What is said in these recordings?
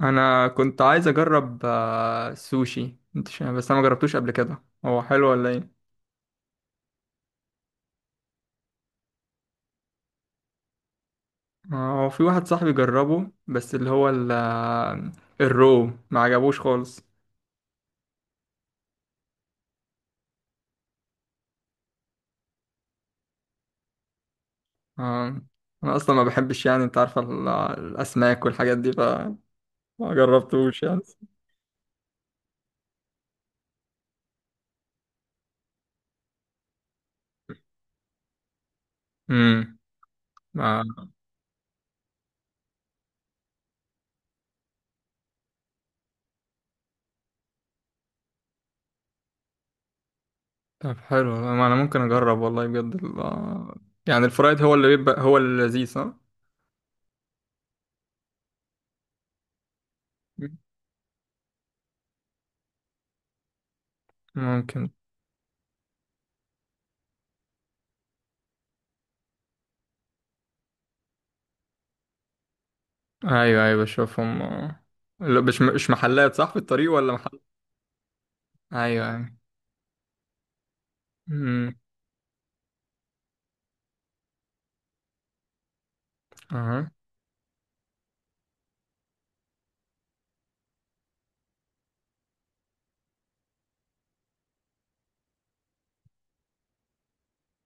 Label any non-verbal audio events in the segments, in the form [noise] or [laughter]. انا كنت عايز اجرب السوشي بس انا ما جربتوش قبل كده، هو حلو ولا ايه؟ هو في واحد صاحبي جربه، بس اللي هو الرو ما عجبوش خالص. آه، انا اصلا ما بحبش، يعني انت عارفه الاسماك والحاجات دي، فما جربتوش يعني. امم آه، طب حلو، ما انا ممكن اجرب والله بجد يعني الفرايد هو اللي بيبقى هو اللذيذ، صح؟ ممكن. ايوه، ايوه، بشوفهم. لا، مش محلات، صح؟ في الطريق ولا؟ ايوه، ايوه. امم اها.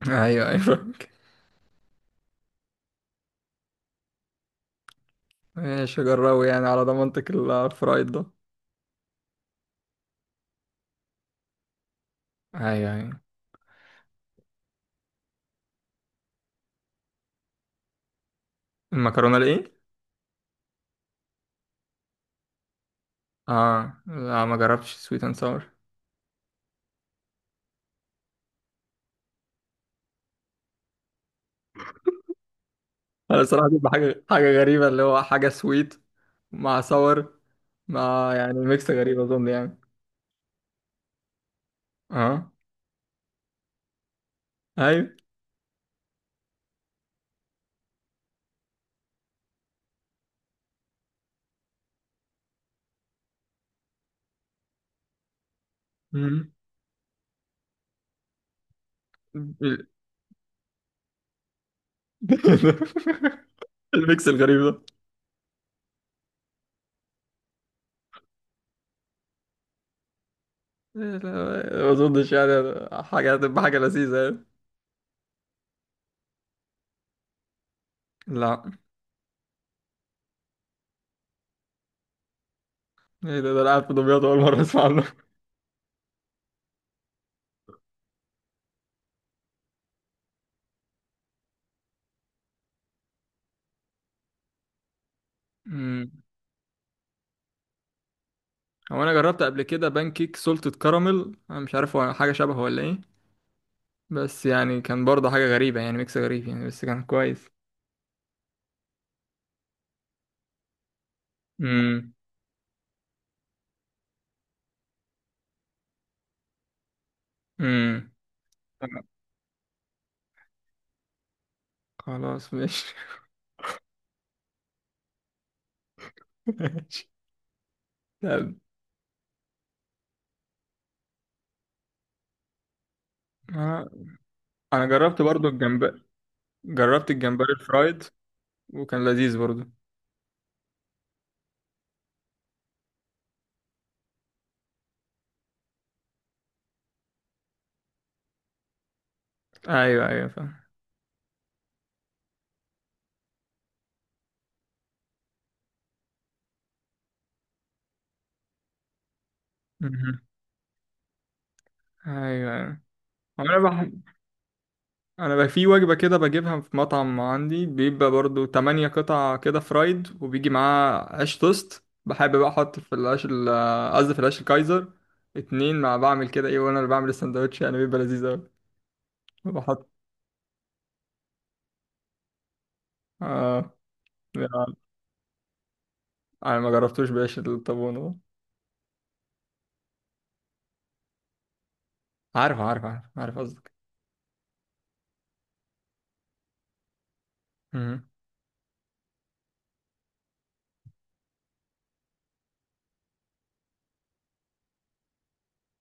ايوه، ايوه. [laughs] ماشي، جربوا يعني على ضمانتك الفرايد ده. ايوه، ايوه. المكرونه الايه؟ اه، لا، ما جربتش سويت اند ساور. انا الصراحه، دي حاجه غريبه، اللي هو حاجه سويت مع ساور، مع يعني ميكس غريب، اظن يعني. اه. ايوه. مم. ال- [laughs] الميكس الغريب ده. لا، ما اظنش يعني، حاجه هتبقى حاجه لذيذه يعني. لا. ايه ده؟ ده انا قاعد في دمياط، اول مره اسمع عنه. هو انا جربت قبل كده بانكيك سولتد كراميل، انا مش عارف هو حاجه شبهه ولا ايه. بس يعني كان برضه حاجه غريبه، يعني ميكس غريب يعني، بس كان كويس. امم امم خلاص ماشي. [laughs] ماشي. طب... انا انا جربت برضه الجمبري، جربت الجمبري الفرايد، وكان لذيذ برضه. ايوه، ايوه، فاهم. مهم. ايوه، ايوه. هو انا بقى في وجبه كده بجيبها في مطعم عندي، بيبقى برضو تمانية قطع كده فرايد، وبيجي معاه عيش توست، بحب بقى احط في العيش قصدي في العيش الكايزر. اتنين مع بعمل كده ايه، وانا اللي بعمل السندوتش يعني بيبقى لذيذ اوي. بحط... اه، يعني انا ما جربتوش بعيش الطابون ده. عارف، عارف، عارف، عارف قصدك. مهم.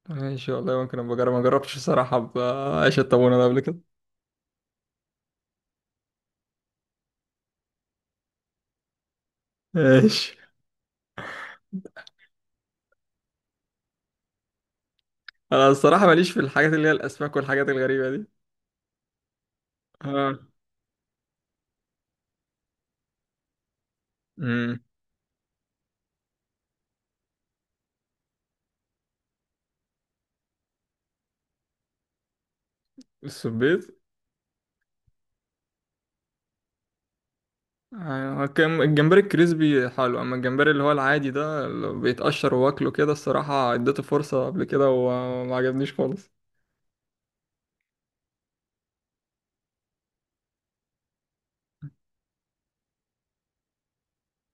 ماشي والله، ممكن ابقى اجرب، ما جربتش الصراحه بعيش الطابون ده قبل كده. ماشي. انا الصراحه ماليش في الحاجات اللي هي الاسماك والحاجات الغريبه دي. اه. امم السبيط. أيوة، الجمبري الكريسبي حلو، اما الجمبري اللي هو العادي ده اللي بيتقشر واكله كده، الصراحة اديته فرصة قبل كده وما عجبنيش خالص.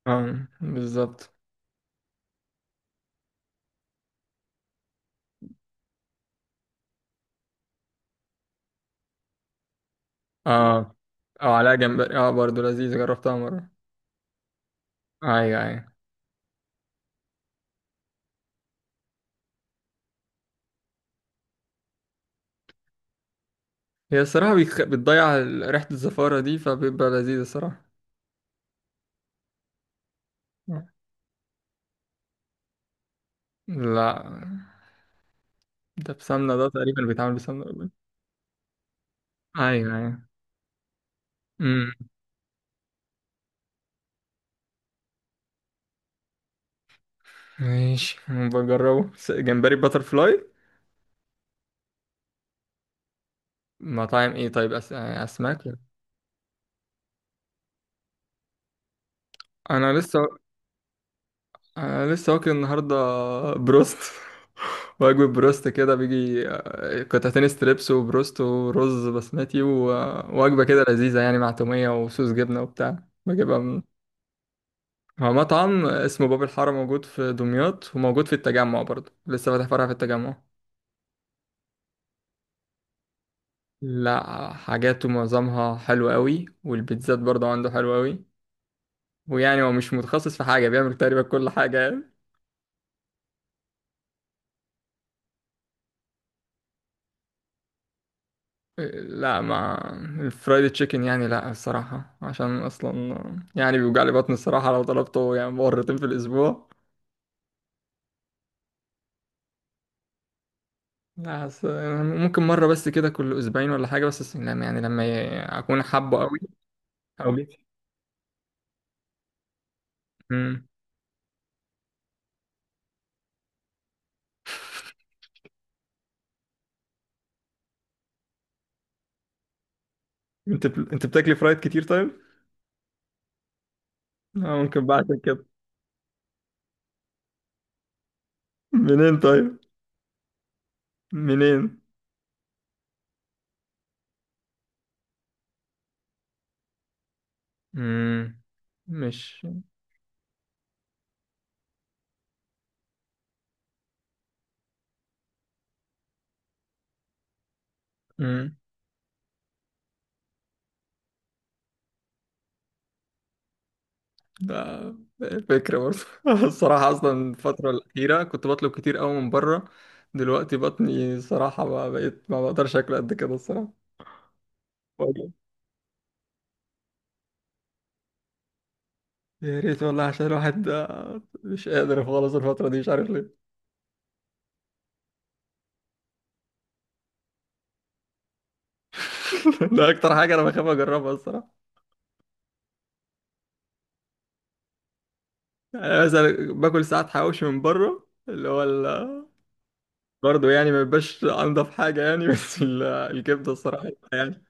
اه، بالظبط. اه، اه، عليها جمبري، اه برضه لذيذ، جربتها مرة. ايوه، ايوه. هي الصراحة بتضيع ريحة الزفارة دي، فبيبقى لذيذ الصراحة. لا، ده بسمنة، ده تقريبا بيتعمل بسمنة ولا إيه؟ ايوه، ايوه. امم ماشي، بجربه جمبري باتر فلاي. مطاعم ايه طيب؟ اسماك. انا لسه... أنا لسه واكل النهاردة بروست. [laughs] وجبة بروست كده بيجي قطعتين ستريبس وبروست ورز بسمتي، ووجبة كده لذيذة يعني مع تومية وصوص جبنة وبتاع. بجيبها من... هو مطعم اسمه باب الحارة، موجود في دمياط وموجود في التجمع، برضه لسه فاتح فرع في التجمع. لا، حاجاته معظمها حلوة قوي، والبيتزات برضه عنده حلوة قوي. ويعني هو مش متخصص في حاجة، بيعمل تقريبا كل حاجة يعني. لا مع... الفرايد تشيكن يعني، لا الصراحة عشان أصلا، يعني بيوجع لي بطني الصراحة لو طلبته يعني مرتين في الأسبوع. لا بس... ممكن مرة بس كده كل أسبوعين ولا حاجة، بس لما يعني أكون حابه أوي. أو جيت. أمم. أنت بتاكلي فرايد كتير طيب؟ لا، ممكن بعد كده. منين طيب؟ منين؟ أمم. مش... مم. ده فكرة برضه. [laughs] الصراحة أصلا الفترة الأخيرة كنت بطلب كتير قوي من بره. دلوقتي بطني الصراحة بقى، بقيت ما بقدرش أكل قد كده الصراحة. والله. يا ريت والله، عشان الواحد ده مش قادر خالص الفترة دي، مش عارف ليه. [laughs] ده أكتر حاجة أنا بخاف أجربها الصراحة. يعني مثلا باكل ساعات حواوشي من بره اللي هو برضه يعني ما بيبقاش أنضف حاجة يعني. [laughs] بس الكبدة الصراحة يعني.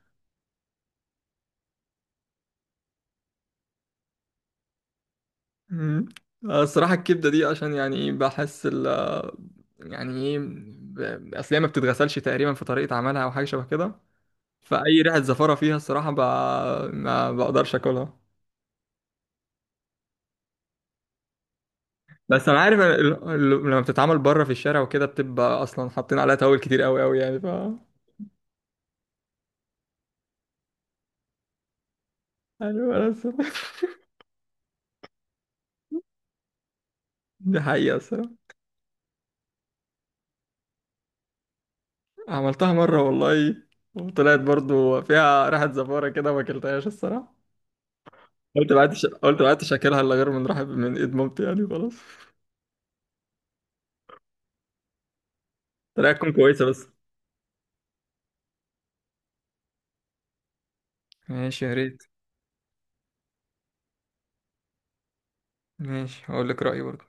مم. الصراحة الكبدة دي عشان يعني ايه، بحس يعني ايه اصل هي ما بتتغسلش تقريبا في طريقة عملها او حاجة شبه كده، فأي ريحة زفارة فيها الصراحة ما بقدرش اكلها. بس انا عارف إن لما بتتعمل بره في الشارع وكده، بتبقى اصلا حاطين عليها توابل كتير قوي قوي يعني، ف... ايوه بس. [laughs] دي حقيقة الصراحة. عملتها مرة والله، وطلعت برضو فيها ريحة زفارة كده، ما اكلتهاش الصراحة. قلت ما عدتش اكلها الا غير من رحب من ايد مامتي، يعني خلاص. طريقة تكون كويسة بس. ماشي، يا ريت. ماشي، هقول لك رأيي برضه.